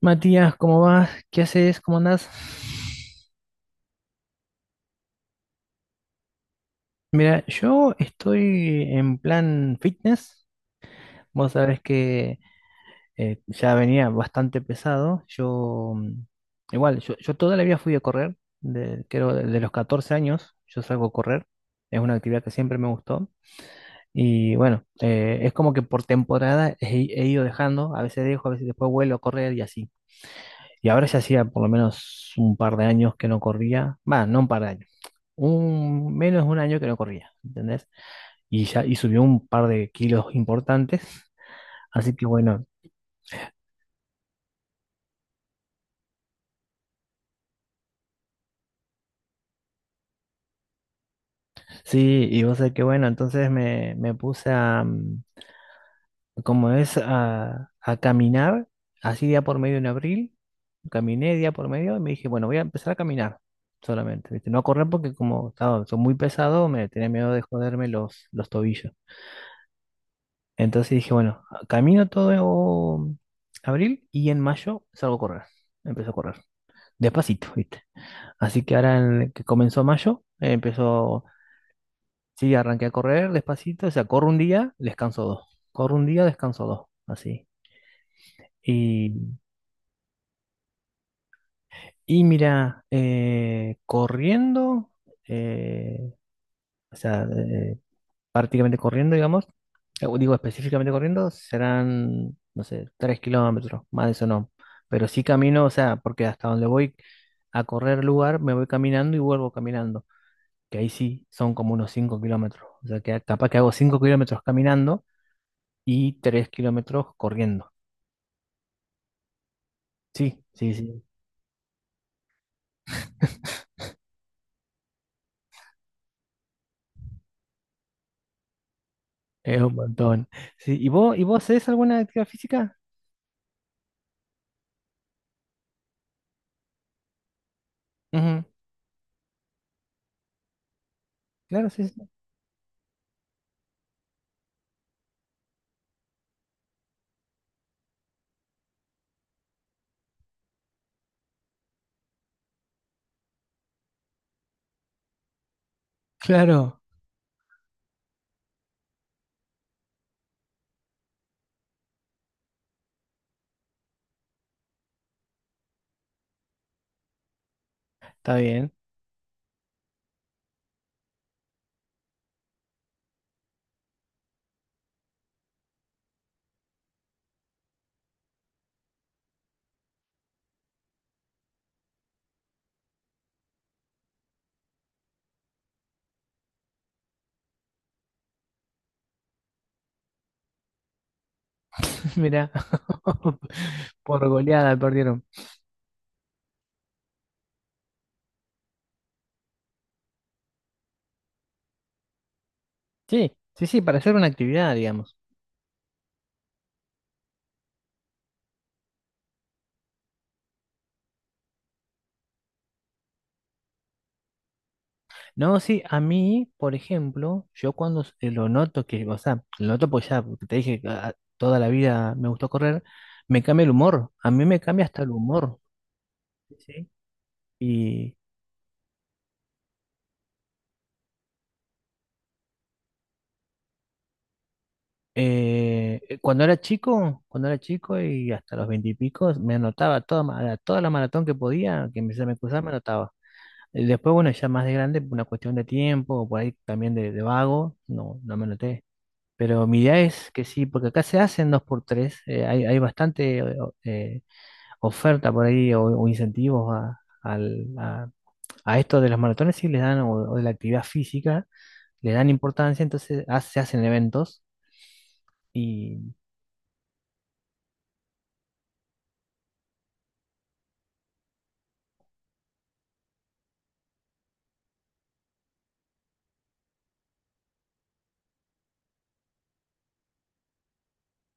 Matías, ¿cómo vas? ¿Qué haces? ¿Cómo andás? Mira, yo estoy en plan fitness. Vos sabés que ya venía bastante pesado. Igual, yo toda la vida fui a correr, creo de los 14 años, yo salgo a correr. Es una actividad que siempre me gustó. Y bueno, es como que por temporada he ido dejando, a veces dejo, a veces después vuelvo a correr y así. Y ahora ya hacía por lo menos un par de años que no corría, va, no un par de años, un, menos de un año que no corría, ¿entendés? Y ya, y subió un par de kilos importantes. Así que bueno, sí, y vos sabés que bueno, entonces me puse a, como es, a caminar, así día por medio en abril, caminé día por medio y me dije, bueno, voy a empezar a caminar solamente, ¿viste? No a correr porque como estaba, soy muy pesado, me tenía miedo de joderme los tobillos. Entonces dije, bueno, camino todo abril y en mayo salgo a correr, empiezo a correr. De a pasito, ¿viste? Así que ahora que comenzó mayo, empezó, sí, arranqué a correr despacito, o sea, corro un día, descanso dos, corro un día, descanso dos, así. Y, y mira, corriendo, eh, o sea, prácticamente corriendo, digamos, digo específicamente corriendo, serán, no sé, 3 kilómetros, más de eso no. Pero sí camino, o sea, porque hasta donde voy a correr lugar, me voy caminando y vuelvo caminando. Que ahí sí son como unos 5 kilómetros. O sea, que capaz que hago 5 kilómetros caminando y 3 kilómetros corriendo. Sí, sí, sí, es un montón. Sí, ¿y vos, haces alguna actividad física? Ujú. Claro, sí, sí. Claro, está bien. Mira, por goleada perdieron. Sí, sí, sí, para hacer una actividad, digamos. No, sí, a mí, por ejemplo, yo cuando lo noto que, o sea, lo noto porque ya, porque te dije, ah, toda la vida me gustó correr, me cambia el humor, a mí me cambia hasta el humor. Sí. Y cuando era chico y hasta los veintipicos, me anotaba toda, toda la maratón que podía, que me, se me cruzaba, me anotaba. Y después, bueno, ya más de grande, por una cuestión de tiempo, o por ahí también de, vago, no, no me anoté. Pero mi idea es que sí, porque acá se hacen dos por tres, hay bastante oferta por ahí o, incentivos a esto de las maratones, sí les dan, o de la actividad física, le dan importancia, entonces se hacen eventos y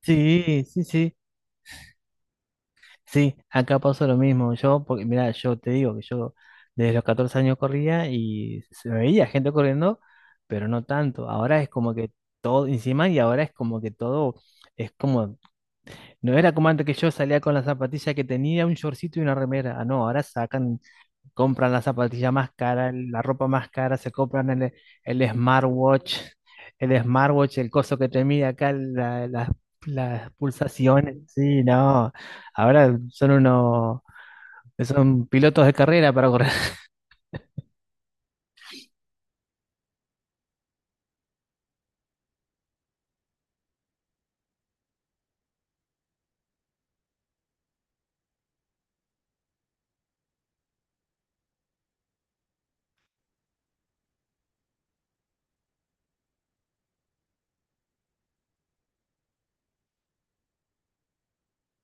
sí, sí, sí, sí, acá pasó lo mismo, yo, porque mira, yo te digo que yo desde los 14 años corría y se me veía gente corriendo, pero no tanto, ahora es como que todo encima y ahora es como que todo es como. No era como antes que yo salía con la zapatilla que tenía, un shortcito y una remera. Ah, no, ahora sacan, compran la zapatilla más cara, la ropa más cara, se compran el smartwatch, el smartwatch, el coso que te mide acá, las pulsaciones. Sí, no. Ahora son unos, son pilotos de carrera para correr.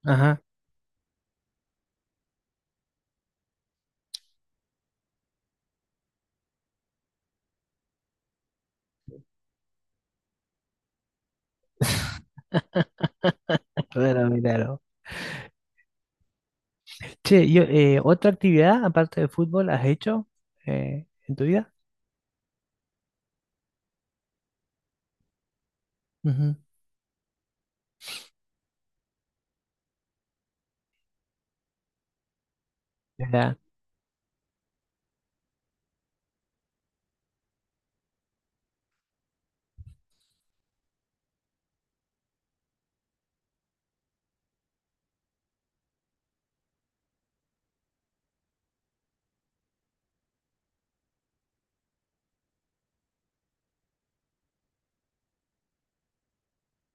Ajá, claro, claro. Che, ¿otra actividad aparte del fútbol has hecho en tu vida? Ujú. Ya,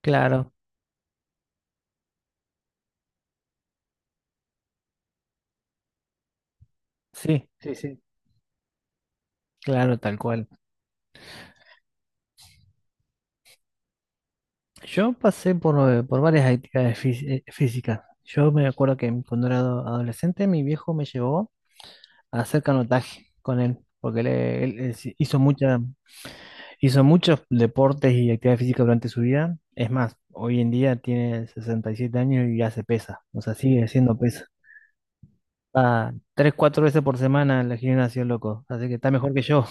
claro, sí, sí, sí. Claro, tal cual. Yo pasé por varias actividades físicas. Yo me acuerdo que cuando era adolescente, mi viejo me llevó a hacer canotaje con él, porque él hizo muchos deportes y actividades físicas durante su vida. Es más, hoy en día tiene 67 años y hace pesa, o sea, sigue haciendo pesa. Va tres, cuatro veces por semana al gimnasio, loco, así que está mejor que yo.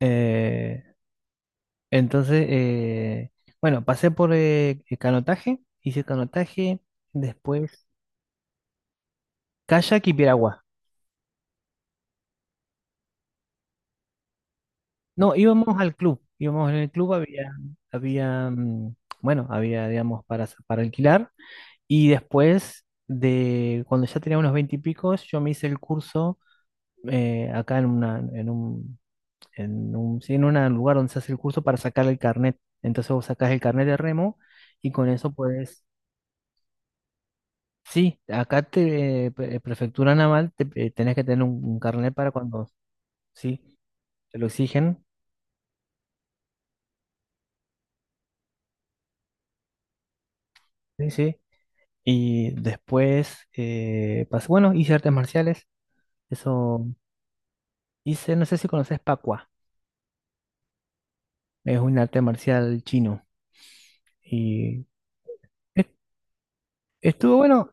Eh, Entonces, bueno, pasé por el canotaje, hice canotaje, después kayak y piragua. No, íbamos al club, íbamos en el club, había, había, mm, bueno, había, digamos, para alquilar. Y después cuando ya tenía unos 20 y picos, yo me hice el curso acá en una, en un, sí, en un lugar donde se hace el curso para sacar el carnet. Entonces vos sacás el carnet de remo y con eso puedes. Sí, acá prefectura naval, te, tenés que tener un carnet para cuando, sí, te lo exigen, sí, sí. Y después, bueno, hice artes marciales, eso hice, no sé si conoces Pacua, es un arte marcial chino. Y es- estuvo bueno,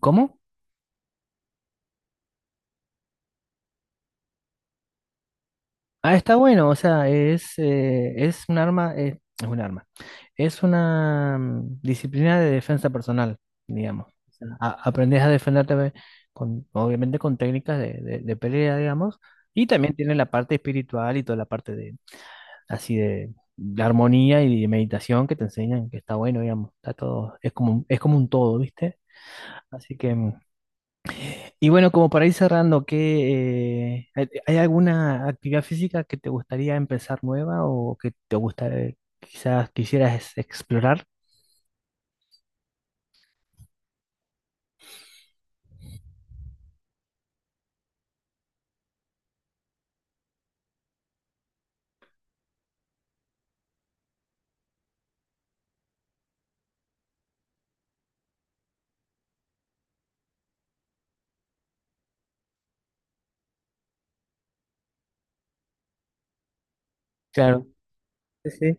¿cómo? Ah, está bueno, o sea, es un arma, es una disciplina de defensa personal, digamos. O sea, aprendes a defenderte ve, con, obviamente, con técnicas de pelea, digamos, y también tiene la parte espiritual y toda la parte de, así de armonía y de meditación que te enseñan, que está bueno, digamos, está todo, es como, es como un todo, ¿viste? Así que y bueno, como para ir cerrando, ¿qué, hay alguna actividad física que te gustaría empezar nueva o que te gusta, quizás quisieras explorar? Claro, sí, sí,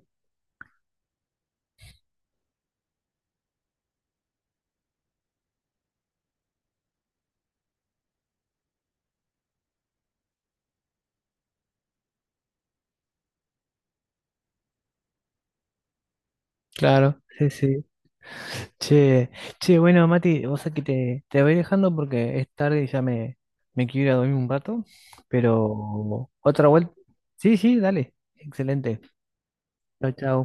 claro, sí, sí. Che, che, bueno, Mati, vos sabés que te voy dejando porque es tarde y ya me quiero ir a dormir un rato, pero otra vuelta. Sí, sí, dale, excelente. Chao, chao.